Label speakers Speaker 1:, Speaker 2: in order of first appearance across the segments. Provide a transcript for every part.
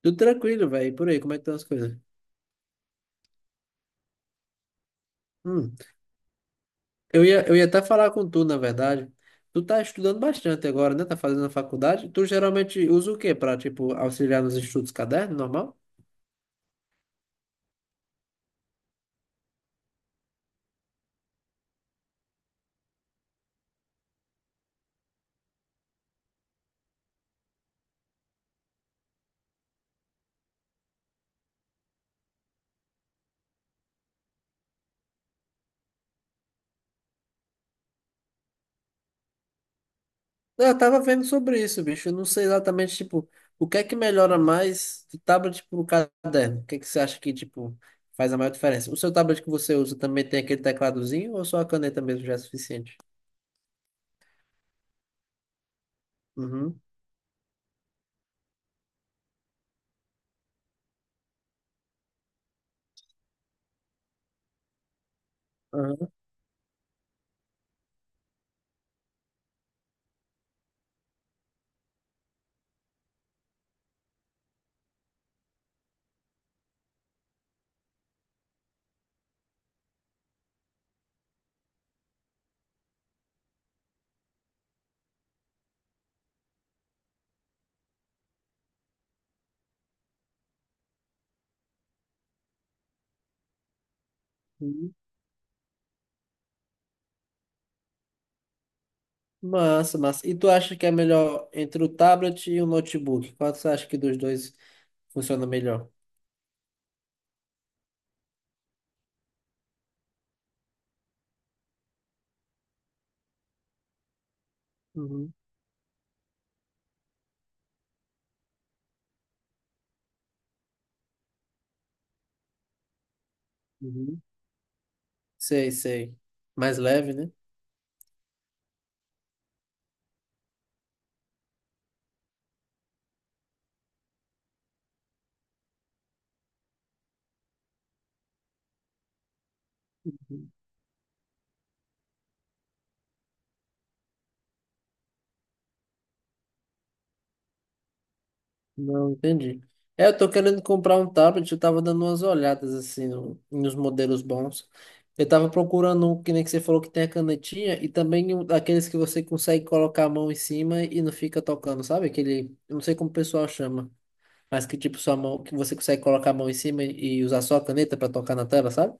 Speaker 1: Tudo tranquilo, velho. E por aí, como é que estão as coisas? Hum. Eu ia até falar com tu, na verdade. Tu tá estudando bastante agora, né? Tá fazendo a faculdade. Tu geralmente usa o quê pra, tipo, auxiliar nos estudos caderno, normal? Eu tava vendo sobre isso, bicho. Eu não sei exatamente, tipo, o que é que melhora mais de tablet pro caderno? O que é que você acha que, tipo, faz a maior diferença? O seu tablet que você usa também tem aquele tecladozinho ou só a caneta mesmo já é suficiente? Uhum. Aham. Uhum. Massa, massa. E tu acha que é melhor entre o tablet e o notebook? Qual você acha que dos dois funciona melhor? Uhum, uhum. Sei, sei. Mais leve, né? Não, entendi. É, eu tô querendo comprar um tablet, eu tava dando umas olhadas assim nos modelos bons. Eu tava procurando um que nem que você falou que tem a canetinha e também um daqueles que você consegue colocar a mão em cima e não fica tocando, sabe? Aquele, eu não sei como o pessoal chama. Mas que tipo sua mão, que você consegue colocar a mão em cima e usar só a caneta pra tocar na tela, sabe?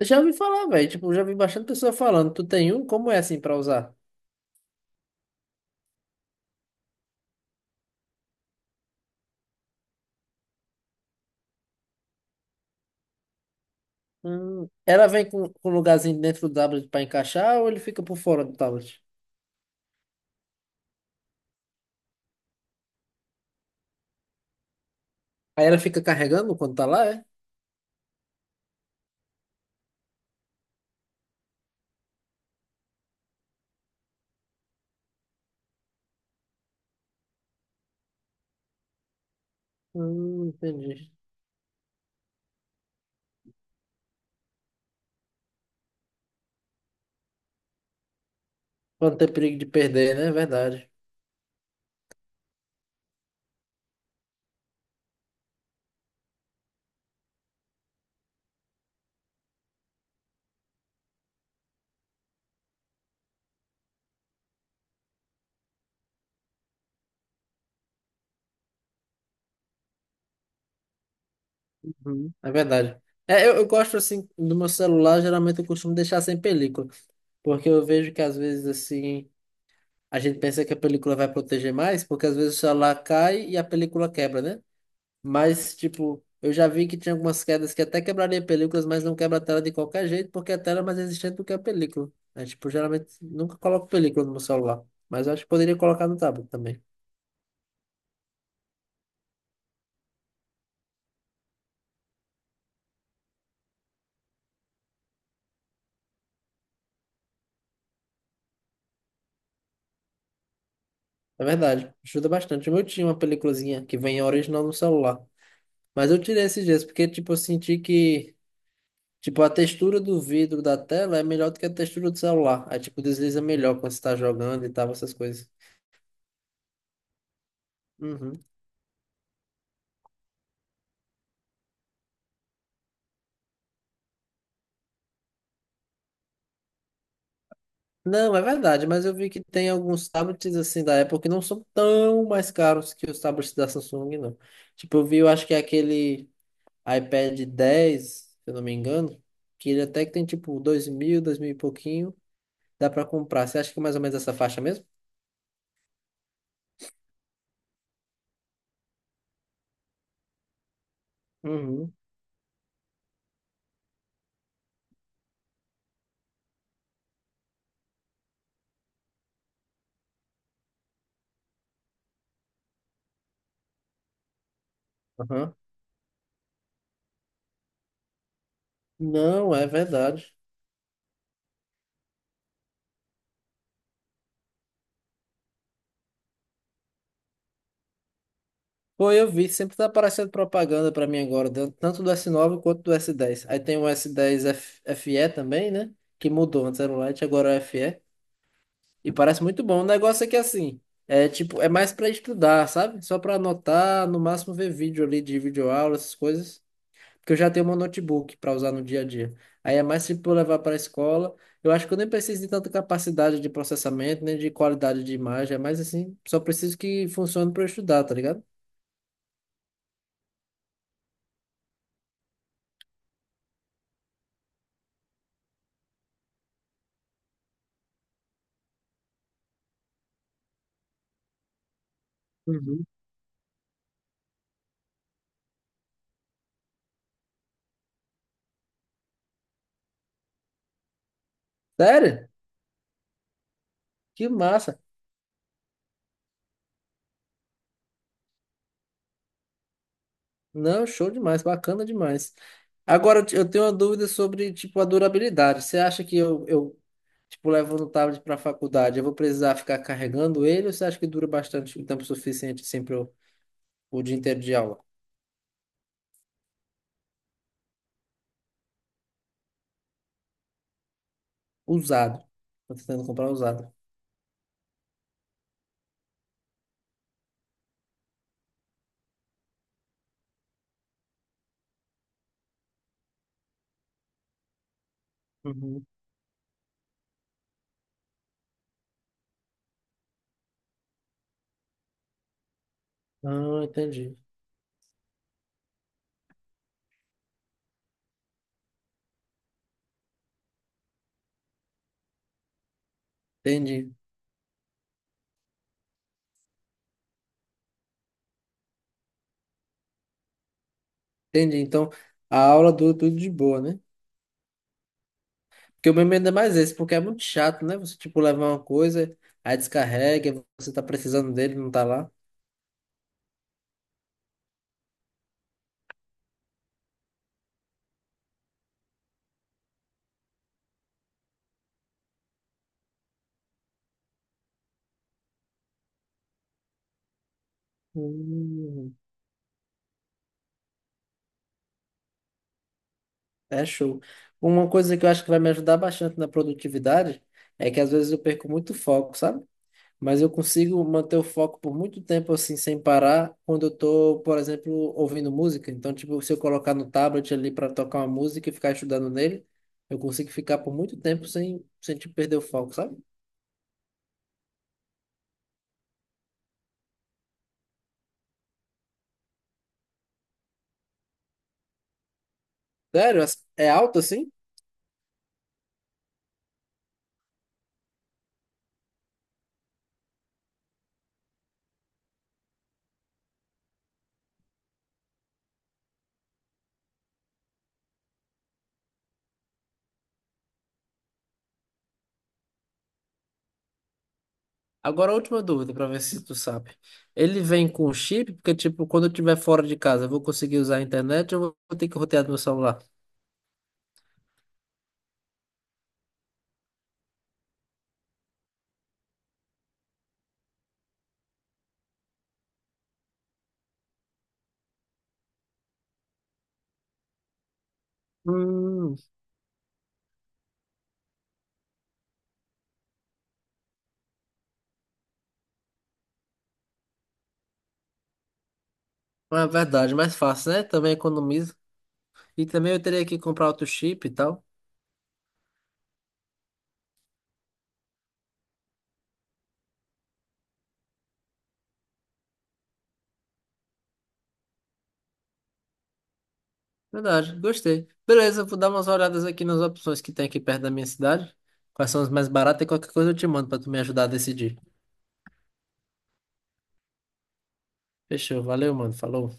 Speaker 1: Eu já ouvi falar, velho, tipo, já vi bastante pessoa falando. Tu tem um? Como é assim pra usar? Ela vem com um lugarzinho dentro do tablet pra encaixar ou ele fica por fora do tablet? Aí ela fica carregando quando tá lá, é? Entendi. Pra não ter perigo de perder, né? Verdade. Uhum. É verdade. É, eu gosto assim do meu celular, geralmente eu costumo deixar sem película, porque eu vejo que às vezes assim a gente pensa que a película vai proteger mais, porque às vezes o celular cai e a película quebra, né? Mas tipo, eu já vi que tinha algumas quedas que até quebraria películas, mas não quebra a tela de qualquer jeito, porque a tela é mais resistente do que a película. É, tipo, geralmente nunca coloco película no meu celular, mas eu acho que poderia colocar no tablet também. É verdade, ajuda bastante. O meu tinha uma peliculazinha que vem original no celular. Mas eu tirei esses dias porque, tipo, eu senti que, tipo, a textura do vidro da tela é melhor do que a textura do celular. Aí, tipo, desliza melhor quando você tá jogando e tal, essas coisas. Uhum. Não, é verdade, mas eu vi que tem alguns tablets, assim, da Apple que não são tão mais caros que os tablets da Samsung, não. Tipo, eu vi, eu acho que é aquele iPad 10 se eu não me engano, que ele até que tem, tipo, 2.000, 2.000 e pouquinho, dá pra comprar. Você acha que é mais ou menos essa faixa mesmo? Uhum. Aham. Não, é verdade. Pô, eu vi, sempre tá aparecendo propaganda pra mim agora, tanto do S9 quanto do S10. Aí tem o S10 FE também, né? Que mudou, antes era o Lite, agora é o FE. E parece muito bom. O negócio é que assim, é tipo, é mais pra estudar, sabe? Só pra anotar, no máximo ver vídeo ali de videoaula, essas coisas. Porque eu já tenho meu notebook pra usar no dia a dia. Aí é mais tipo eu levar pra escola. Eu acho que eu nem preciso de tanta capacidade de processamento, nem de qualidade de imagem. É mais assim, só preciso que funcione pra eu estudar, tá ligado? Uhum. Sério? Que massa! Não, show demais, bacana demais. Agora eu tenho uma dúvida sobre, tipo, a durabilidade. Você acha que eu tipo, levo no tablet para a faculdade, eu vou precisar ficar carregando ele ou você acha que dura bastante, o tempo suficiente sempre o dia inteiro de aula? Usado. Tô tentando comprar usado. Uhum. Ah, entendi. Entendi. Entendi. Então, a aula dura tudo de boa, né? Porque o meu medo é mais esse, porque é muito chato, né? Você, tipo, levar uma coisa, aí descarrega, você tá precisando dele, não tá lá. Hum. É show. Uma coisa que eu acho que vai me ajudar bastante na produtividade é que às vezes eu perco muito foco, sabe? Mas eu consigo manter o foco por muito tempo assim, sem parar, quando eu tô, por exemplo, ouvindo música. Então, tipo, se eu colocar no tablet ali para tocar uma música e ficar estudando nele, eu consigo ficar por muito tempo sem tipo, perder o foco, sabe? Sério? É alto assim? Agora, a última dúvida para ver se tu sabe. Ele vem com chip, porque, tipo, quando eu estiver fora de casa, eu vou conseguir usar a internet ou eu vou ter que rotear do meu celular? Hum, é verdade, mais fácil, né? Também economiza. E também eu teria que comprar outro chip e tal. Verdade, gostei. Beleza, eu vou dar umas olhadas aqui nas opções que tem aqui perto da minha cidade. Quais são as mais baratas e qualquer coisa eu te mando pra tu me ajudar a decidir. Fechou, valeu, mano. Falou.